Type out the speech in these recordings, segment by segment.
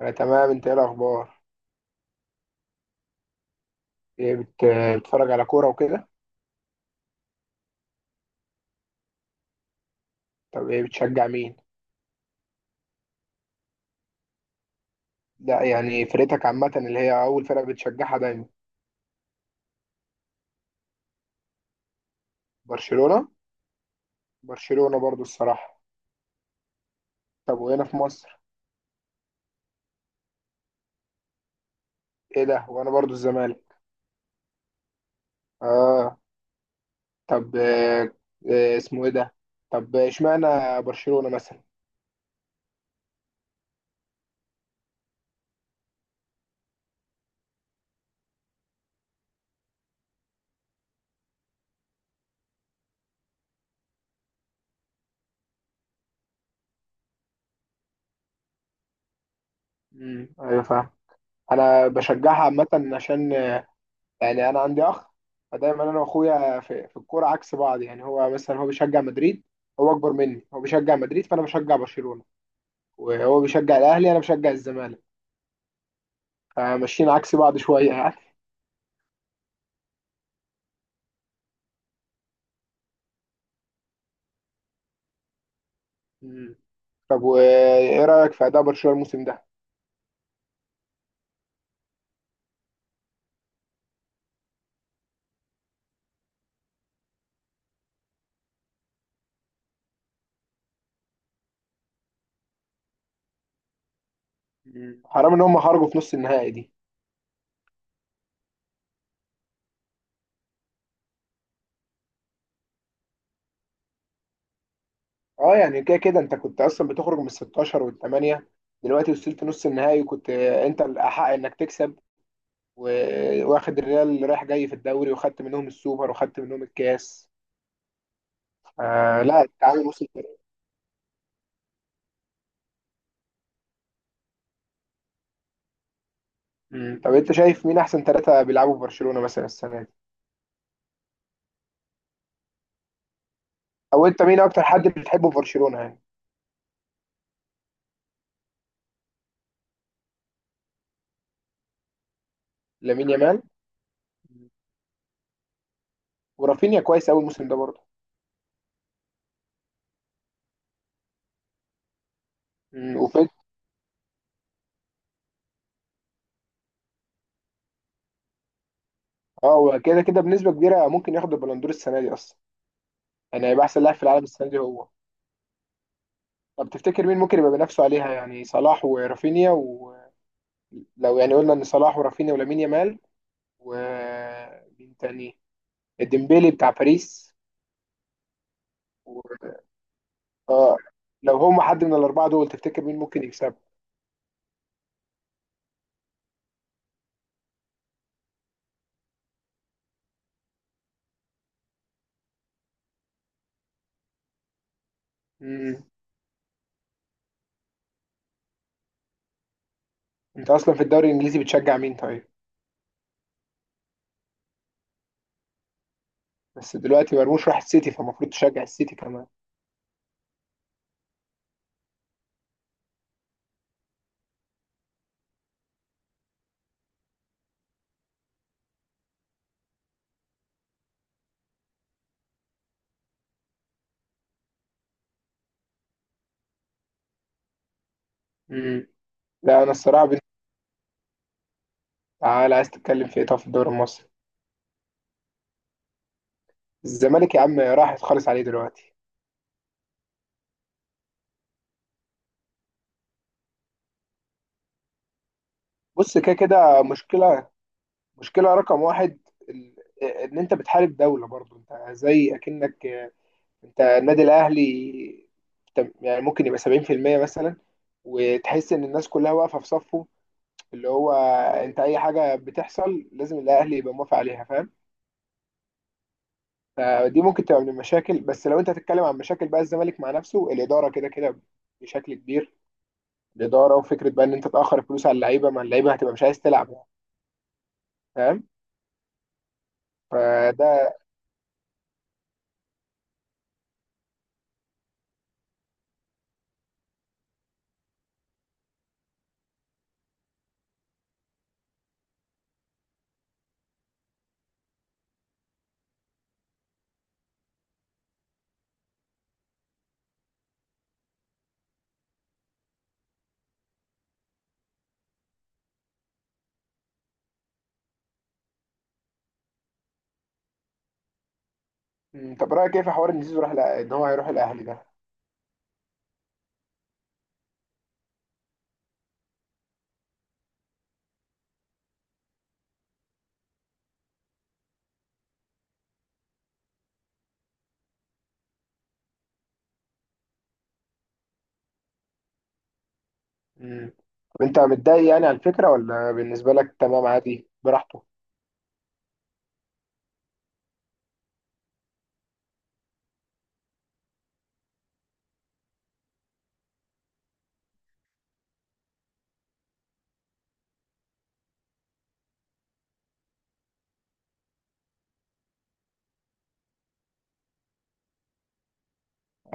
أنا تمام، أنت إيه الأخبار؟ إيه بتتفرج على كورة وكده؟ طب إيه بتشجع مين؟ لا يعني فرقتك عامة اللي هي أول فرقة بتشجعها دايما؟ برشلونة؟ برشلونة برضو الصراحة. طب وهنا في مصر؟ إيه ده؟ وأنا برضو الزمالك. آه. طب، آه. اسمه إيه ده؟ طب إشمعنى برشلونة مثلا؟ أيوة، فاهم. أنا بشجعها عامة عشان يعني انا عندي اخ، فدايما انا واخويا في الكوره عكس بعض، يعني هو مثلا هو بيشجع مدريد، هو اكبر مني، هو بيشجع مدريد فانا بشجع برشلونه، وهو بيشجع الاهلي انا بشجع الزمالك، فماشيين عكس بعض شويه يعني. مم. طب وايه رايك في اداء برشلونه الموسم ده؟ مم. حرام ان هم خرجوا في نص النهائي دي. اه يعني كده كده انت كنت اصلا بتخرج من 16 والثمانيه، دلوقتي وصلت نص النهائي وكنت انت الاحق انك تكسب، واخد الريال اللي رايح جاي في الدوري وخدت منهم السوبر وخدت منهم الكاس. آه، لا، التعامل وصل كده. مم. طب انت شايف مين احسن ثلاثه بيلعبوا في برشلونه مثلا السنه دي؟ او انت مين اكتر حد بتحبه في برشلونه يعني؟ لامين يامال. ورافينيا كويس قوي الموسم ده برضه. مم. وفيت. اه وكده كده بنسبه كبيره ممكن ياخد البلندور السنه دي اصلا، يعني هيبقى احسن لاعب في العالم السنه دي هو. طب تفتكر مين ممكن يبقى بنفسه عليها، يعني صلاح ورافينيا ولو، يعني قلنا ان صلاح ورافينيا ولامين يامال، ومين تاني؟ الديمبيلي بتاع باريس و... اه. لو هم حد من الاربعه دول تفتكر مين ممكن يكسب؟ مم. انت اصلا في الدوري الانجليزي بتشجع مين طيب؟ بس دلوقتي مرموش راح السيتي فالمفروض تشجع السيتي كمان. مم. لا انا الصراحه تعالى عايز تتكلم في ايه؟ طب في الدوري المصري؟ الزمالك يا عم راح خالص عليه دلوقتي. بص كده كده مشكله، مشكله رقم واحد، ال- ان انت بتحارب دوله، برضو انت زي اكنك انت النادي الاهلي، يعني ممكن يبقى 70% مثلا، وتحس ان الناس كلها واقفه في صفه، اللي هو انت اي حاجه بتحصل لازم الاهلي يبقى موافق عليها، فاهم؟ فدي ممكن تبقى من المشاكل، بس لو انت هتتكلم عن مشاكل بقى الزمالك مع نفسه الاداره كده كده بشكل كبير، الاداره وفكره بقى ان انت تاخر الفلوس على اللعيبه، ما اللعيبه هتبقى مش عايز تلعب يعني، فاهم؟ فده. مم، طب رايك ايه في حوار ان زيزو راح ان هو هيروح الاهلي ده؟ مم. طب انت متضايق يعني على الفكره ولا بالنسبه لك تمام عادي براحته؟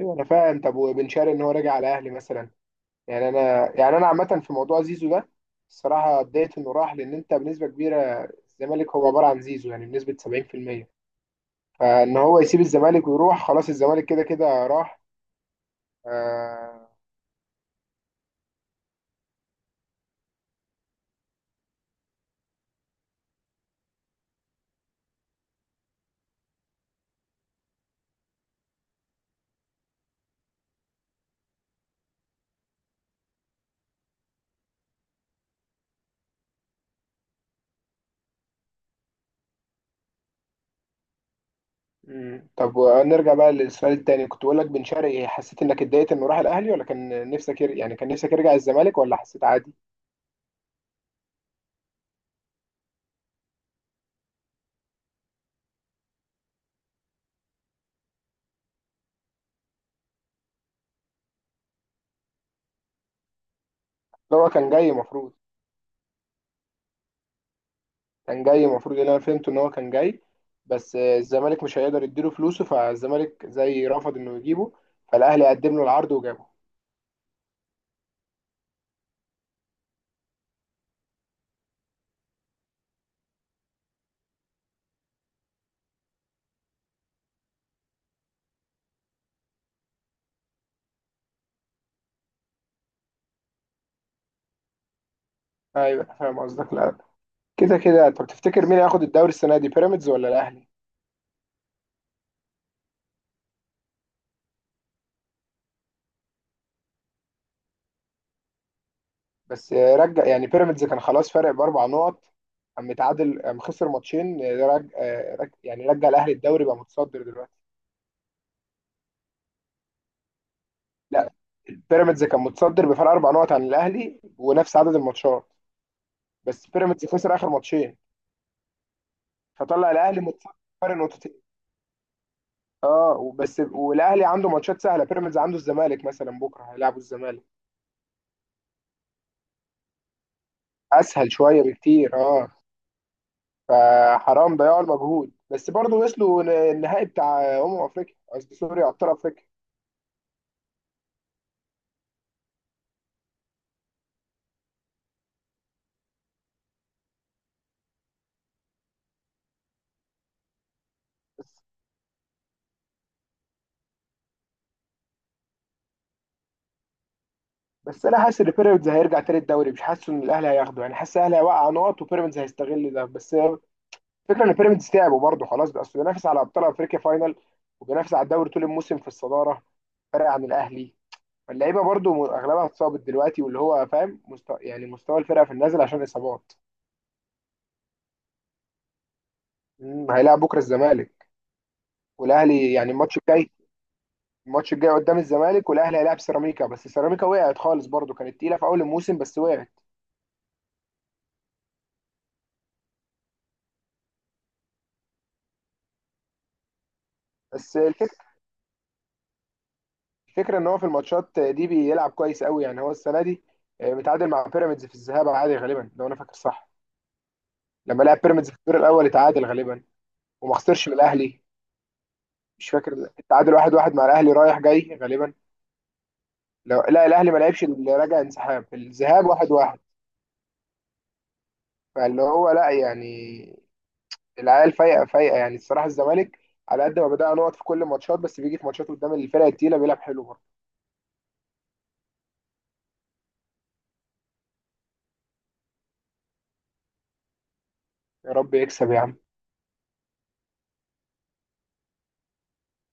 ايوه انا فاهم. طب وبن شرقي ان هو راجع على الاهلي مثلا، يعني انا، يعني انا عامه في موضوع زيزو ده الصراحه اتضايقت انه راح، لان انت بنسبه كبيره الزمالك هو عباره عن زيزو، يعني بنسبه 70%، فان هو يسيب الزمالك ويروح خلاص الزمالك كده كده راح. آه، مم. طب نرجع بقى للسؤال التاني كنت بقول لك بن شرقي، حسيت انك اتضايقت انه راح الاهلي ولا كان نفسك يعني كان نفسك يرجع الزمالك ولا حسيت عادي؟ لو هو كان جاي المفروض، كان جاي المفروض اللي انا فهمته ان هو كان جاي، بس الزمالك مش هيقدر يديله فلوسه، فالزمالك زي رفض انه يجيبه، فالاهلي قدم له العرض وجابه. ايوه، فاهم قصدك. لا كده كده، طب تفتكر مين هياخد الدوري السنه دي بيراميدز ولا الاهلي؟ بس رجع يعني بيراميدز كان خلاص فارق باربع نقط، قام متعادل، قام خسر ماتشين، يعني رجع الاهلي الدوري بقى متصدر دلوقتي. لا، بيراميدز كان متصدر بفارق اربع نقط عن الاهلي ونفس عدد الماتشات، بس بيراميدز خسر اخر ماتشين، فطلع الاهلي متصدر، فرق نقطتين. اه بس والاهلي عنده ماتشات سهله، بيراميدز عنده الزمالك مثلا بكره هيلعبوا الزمالك. اسهل شويه بكتير، اه. فحرام ضياع المجهود بس برضه وصلوا النهائي بتاع افريقيا، قصدي سوري، ابطال افريقيا. بس انا حاسس ان بيراميدز هيرجع تاني الدوري، مش حاسس ان الاهلي هياخده، يعني حاسس الاهلي هيوقع نقط وبيراميدز هيستغل ده، بس الفكره ان بيراميدز تعبوا برضه خلاص بقى، اصل بينافس على ابطال افريقيا فاينل وبينافس على الدوري طول الموسم في الصداره فرق عن الاهلي، فاللعيبه برضه اغلبها اتصابت دلوقتي، واللي هو فاهم مستوى يعني مستوى الفرقه في النازل عشان اصابات. مم، هيلاعب بكره الزمالك والاهلي، يعني الماتش الجاي، الماتش الجاي قدام الزمالك، والاهلي هيلاعب سيراميكا، بس سيراميكا وقعت خالص برضه، كانت تقيله في اول الموسم بس وقعت. بس الفكره ان هو في الماتشات دي بيلعب كويس قوي يعني هو السنه دي، متعادل مع بيراميدز في الذهاب عادي غالبا لو انا فاكر صح. لما لعب بيراميدز في الدور الاول اتعادل غالبا، وما خسرش من الاهلي. مش فاكر، التعادل 1-1 مع الاهلي رايح جاي غالبا، لو لا الاهلي ما لعبش اللي راجع انسحاب الذهاب 1-1. فاللي هو لا يعني، العيال فايقه فايقه يعني الصراحه الزمالك، على قد ما بدأ نقط في كل الماتشات بس بيجي في ماتشات قدام الفرق التقيله بيلعب حلو برضه. يا رب يكسب يا عم.